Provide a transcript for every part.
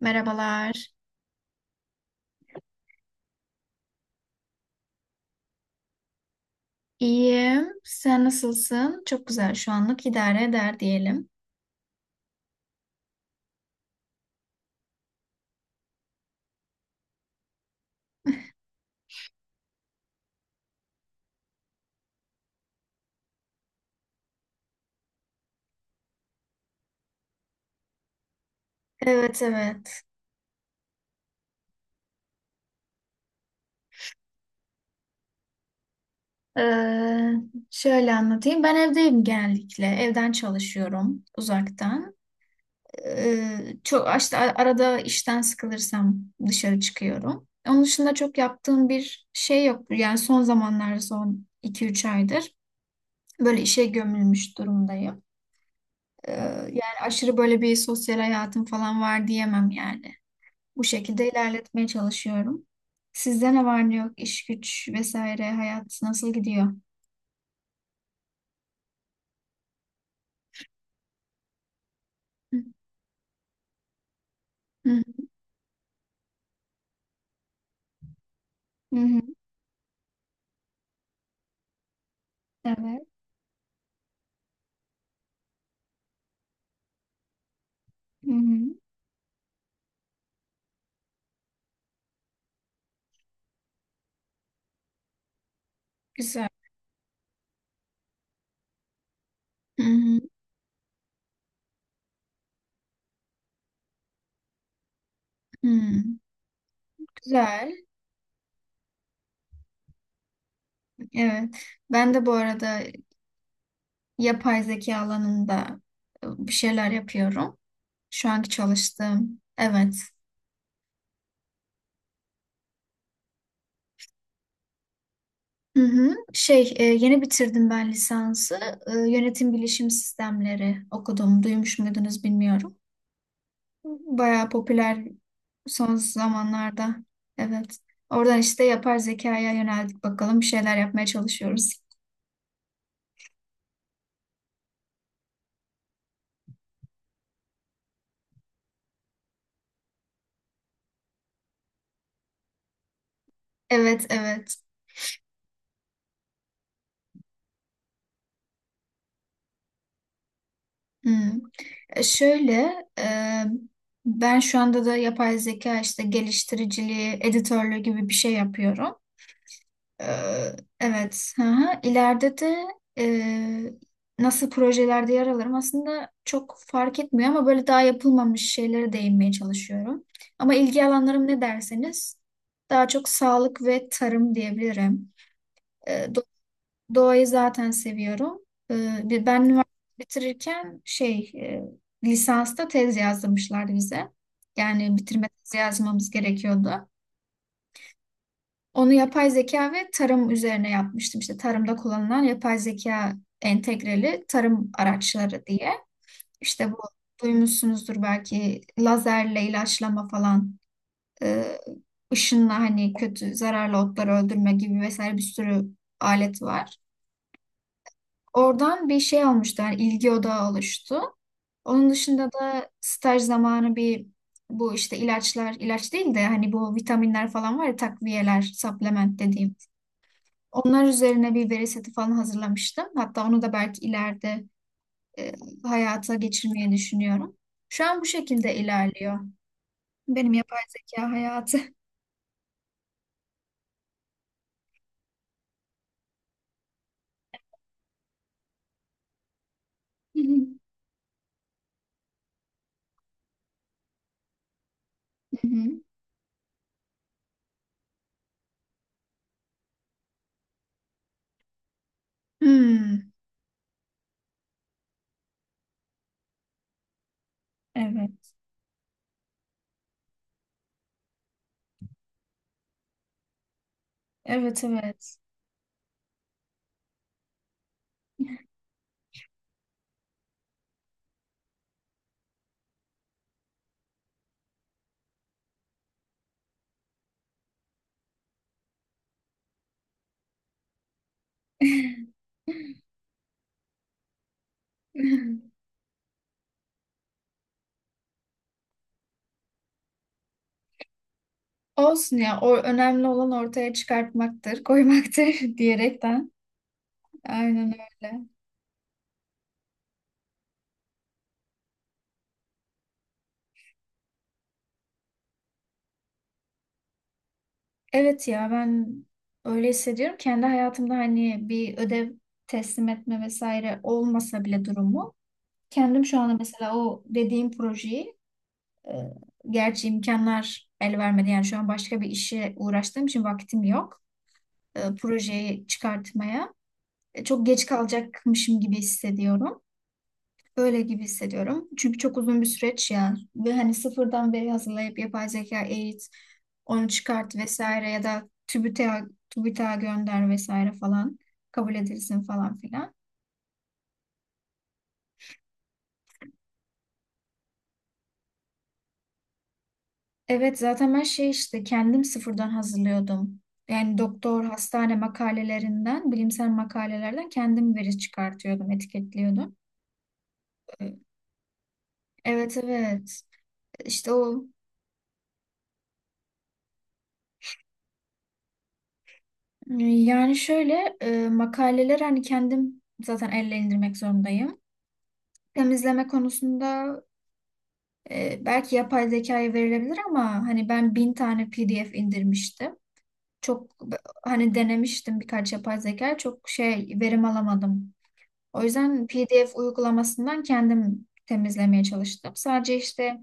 Merhabalar. İyiyim. Sen nasılsın? Çok güzel. Şu anlık idare eder diyelim. Evet, evet. Ee, Şöyle anlatayım. Ben evdeyim genellikle. Evden çalışıyorum uzaktan. Çok işte arada işten sıkılırsam dışarı çıkıyorum. Onun dışında çok yaptığım bir şey yok. Yani son zamanlarda son iki üç aydır böyle işe gömülmüş durumdayım. Ee, Yani aşırı böyle bir sosyal hayatım falan var diyemem yani. Bu şekilde ilerletmeye çalışıyorum. Sizde ne var ne yok? İş güç vesaire hayat nasıl gidiyor? Hı hı. Hı hı. Evet. Hı hı. Güzel. Hı hı. Hı. Güzel. Evet. Ben de bu arada yapay zeka alanında bir şeyler yapıyorum. Şu anki çalıştığım. Evet. Hı hı. Yeni bitirdim ben lisansı. Yönetim bilişim sistemleri okudum. Duymuş muydunuz bilmiyorum. Bayağı popüler son zamanlarda. Evet. Oradan işte yapar zekaya yöneldik bakalım. Bir şeyler yapmaya çalışıyoruz. Evet, evet. Hmm. E, Şöyle, e, Ben şu anda da yapay zeka işte geliştiriciliği, editörlüğü gibi bir şey yapıyorum. Ee, evet. Hı hı. İleride de e, nasıl projelerde yer alırım aslında çok fark etmiyor ama böyle daha yapılmamış şeylere değinmeye çalışıyorum. Ama ilgi alanlarım ne derseniz daha çok sağlık ve tarım diyebilirim. Ee, do- doğayı zaten seviyorum. Ben üniversite bitirirken lisansta tez yazdırmışlardı bize. Yani bitirme tezi yazmamız gerekiyordu. Onu yapay zeka ve tarım üzerine yapmıştım. İşte tarımda kullanılan yapay zeka entegreli tarım araçları diye. İşte bu duymuşsunuzdur belki lazerle ilaçlama falan, e, ışınla hani kötü zararlı otları öldürme gibi vesaire bir sürü alet var. Oradan bir şey olmuştu, yani ilgi odağı oluştu. Onun dışında da staj zamanı bir bu işte ilaçlar, ilaç değil de hani bu vitaminler falan var ya takviyeler, supplement dediğim. Onlar üzerine bir veri seti falan hazırlamıştım. Hatta onu da belki ileride e, hayata geçirmeyi düşünüyorum. Şu an bu şekilde ilerliyor. Benim yapay zeka hayatı. Hı hı. Hmm, evet. Evet, evet. Olsun ya. O önemli olan ortaya çıkartmaktır, koymaktır diyerekten. Aynen öyle. Evet ya ben öyle hissediyorum. Kendi hayatımda hani bir ödev teslim etme vesaire olmasa bile durumu kendim şu anda mesela o dediğim projeyi, e, gerçi imkanlar el vermedi. Yani şu an başka bir işe uğraştığım için vaktim yok. Projeyi çıkartmaya. Çok geç kalacakmışım gibi hissediyorum. Öyle gibi hissediyorum. Çünkü çok uzun bir süreç ya. Ve hani sıfırdan veri hazırlayıp yapay zeka eğit, onu çıkart vesaire ya da TÜBİTAK'a gönder vesaire falan kabul edilsin falan filan. Evet zaten ben şey işte kendim sıfırdan hazırlıyordum. Yani doktor, hastane makalelerinden, bilimsel makalelerden kendim veri çıkartıyordum, etiketliyordum. Ee, Evet, evet. işte o yani şöyle, makaleler hani kendim zaten elle indirmek zorundayım. Temizleme konusunda belki yapay zekaya verilebilir ama hani ben bin tane PDF indirmiştim. Çok hani denemiştim birkaç yapay zeka, çok şey verim alamadım. O yüzden PDF uygulamasından kendim temizlemeye çalıştım. Sadece işte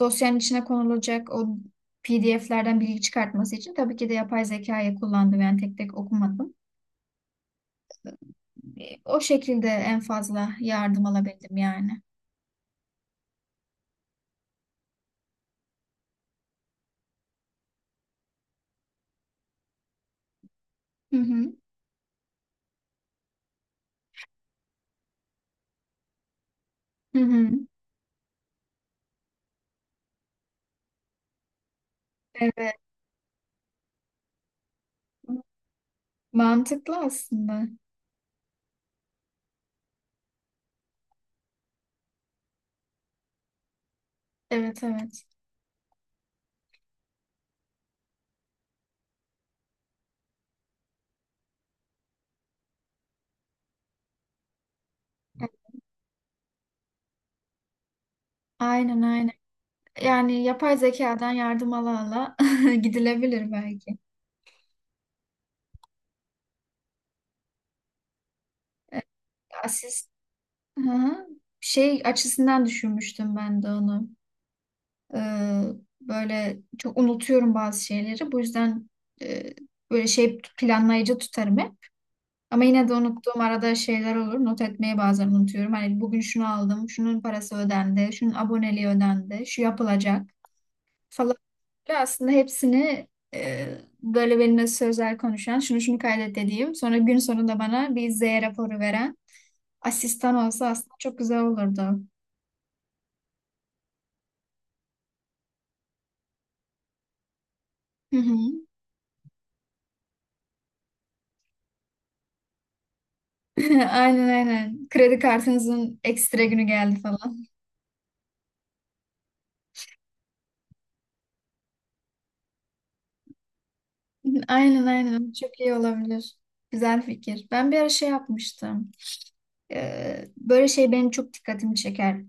dosyanın içine konulacak o PDF'lerden bilgi çıkartması için tabii ki de yapay zekayı kullandım. Yani tek tek okumadım. O şekilde en fazla yardım alabildim yani. Hı hı. Hı hı. Evet. Mantıklı aslında. Evet, evet. Aynen, aynen. Yani yapay zekadan yardım ala ala gidilebilir belki. E, Asist. Hı hı. Şey açısından düşünmüştüm ben de onu. Ee, Böyle çok unutuyorum bazı şeyleri. Bu yüzden e, böyle şey planlayıcı tutarım hep. Ama yine de unuttuğum arada şeyler olur. Not etmeyi bazen unutuyorum. Hani bugün şunu aldım, şunun parası ödendi, şunun aboneliği ödendi, şu yapılacak falan. Böyle aslında hepsini e, böyle benimle sözel konuşan, şunu şunu kaydet dediğim, sonra gün sonunda bana bir Z raporu veren asistan olsa aslında çok güzel olurdu. Hı hı. Aynen, aynen. Kredi kartınızın ekstra günü geldi falan. Aynen, aynen, çok iyi olabilir. Güzel fikir. Ben bir ara şey yapmıştım. Böyle şey benim çok dikkatimi çeker.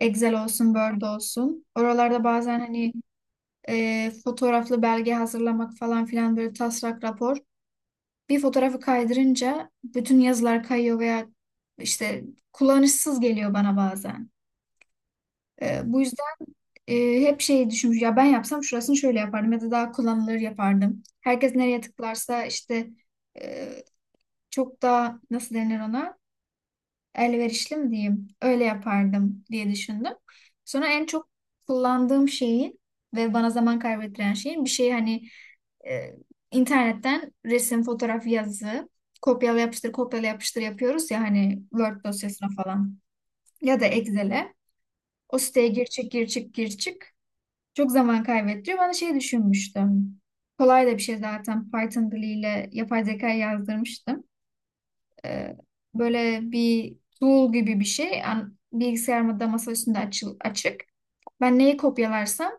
Excel olsun, Word olsun. Oralarda bazen hani fotoğraflı belge hazırlamak falan filan böyle taslak rapor. Bir fotoğrafı kaydırınca bütün yazılar kayıyor veya işte kullanışsız geliyor bana bazen. Bu yüzden e, hep şeyi düşünmüş. Ya ben yapsam şurasını şöyle yapardım ya da daha kullanılır yapardım. Herkes nereye tıklarsa işte e, çok daha nasıl denir, ona elverişli mi diyeyim, öyle yapardım diye düşündüm. Sonra en çok kullandığım şeyin ve bana zaman kaybettiren şeyin bir şey hani e, internetten resim, fotoğraf, yazı kopyala yapıştır kopyala yapıştır yapıyoruz ya hani Word dosyasına falan ya da Excel'e. O siteye gir çık gir çık gir çık. Çok zaman kaybettiriyor. Ben de şey düşünmüştüm. Kolay da bir şey zaten. Python diliyle yapay zeka yazdırmıştım. e, Böyle bir tool gibi bir şey. Bilgisayarımda masa üstünde açık. Ben neyi kopyalarsam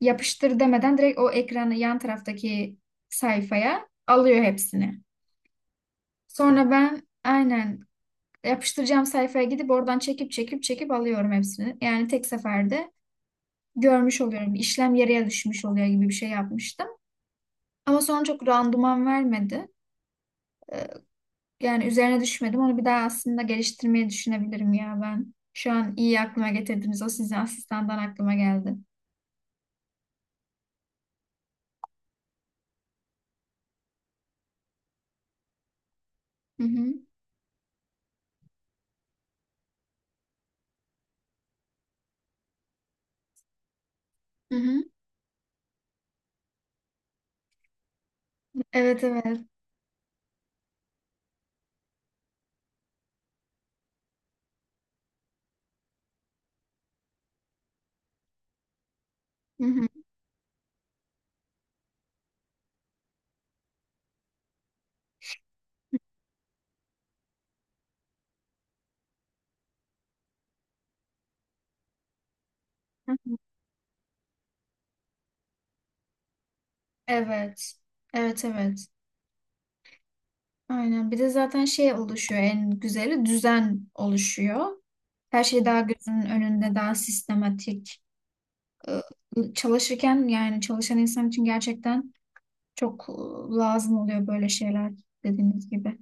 yapıştır demeden direkt o ekranı yan taraftaki sayfaya alıyor hepsini. Sonra ben aynen yapıştıracağım sayfaya gidip oradan çekip çekip çekip alıyorum hepsini. Yani tek seferde görmüş oluyorum. İşlem yarıya düşmüş oluyor gibi bir şey yapmıştım. Ama sonra çok randıman vermedi. Yani üzerine düşmedim. Onu bir daha aslında geliştirmeyi düşünebilirim ya ben. Şu an iyi aklıma getirdiniz. O sizin asistandan aklıma geldi. Hı hı. Hı hı. Evet, evet. Hı hı. Hı hı. Evet. Evet, evet. Aynen. Bir de zaten şey oluşuyor, en güzeli düzen oluşuyor. Her şey daha gözünün önünde, daha sistematik. Ee, Çalışırken yani çalışan insan için gerçekten çok lazım oluyor böyle şeyler dediğiniz gibi.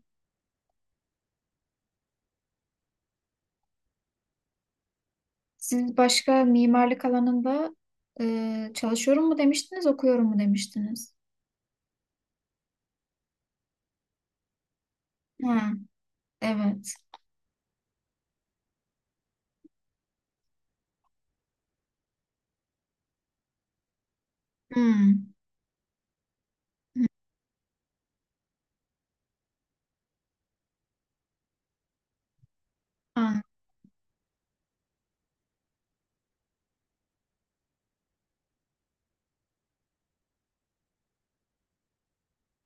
Siz başka mimarlık alanında çalışıyorum mu demiştiniz, okuyorum mu demiştiniz? Ha, evet. Hmm, an-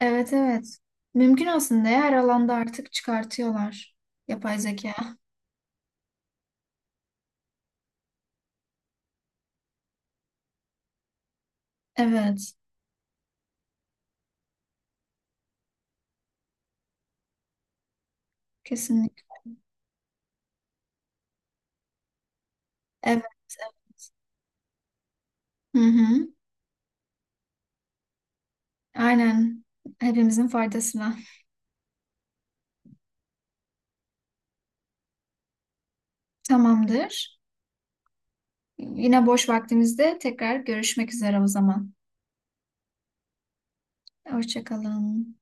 evet, evet. Mümkün aslında ya, her alanda artık çıkartıyorlar yapay zeka. Evet, kesinlikle. Evet, evet. Hı hı. Aynen. Hepimizin faydasına. Tamamdır. Yine boş vaktimizde tekrar görüşmek üzere o zaman. Hoşça kalın.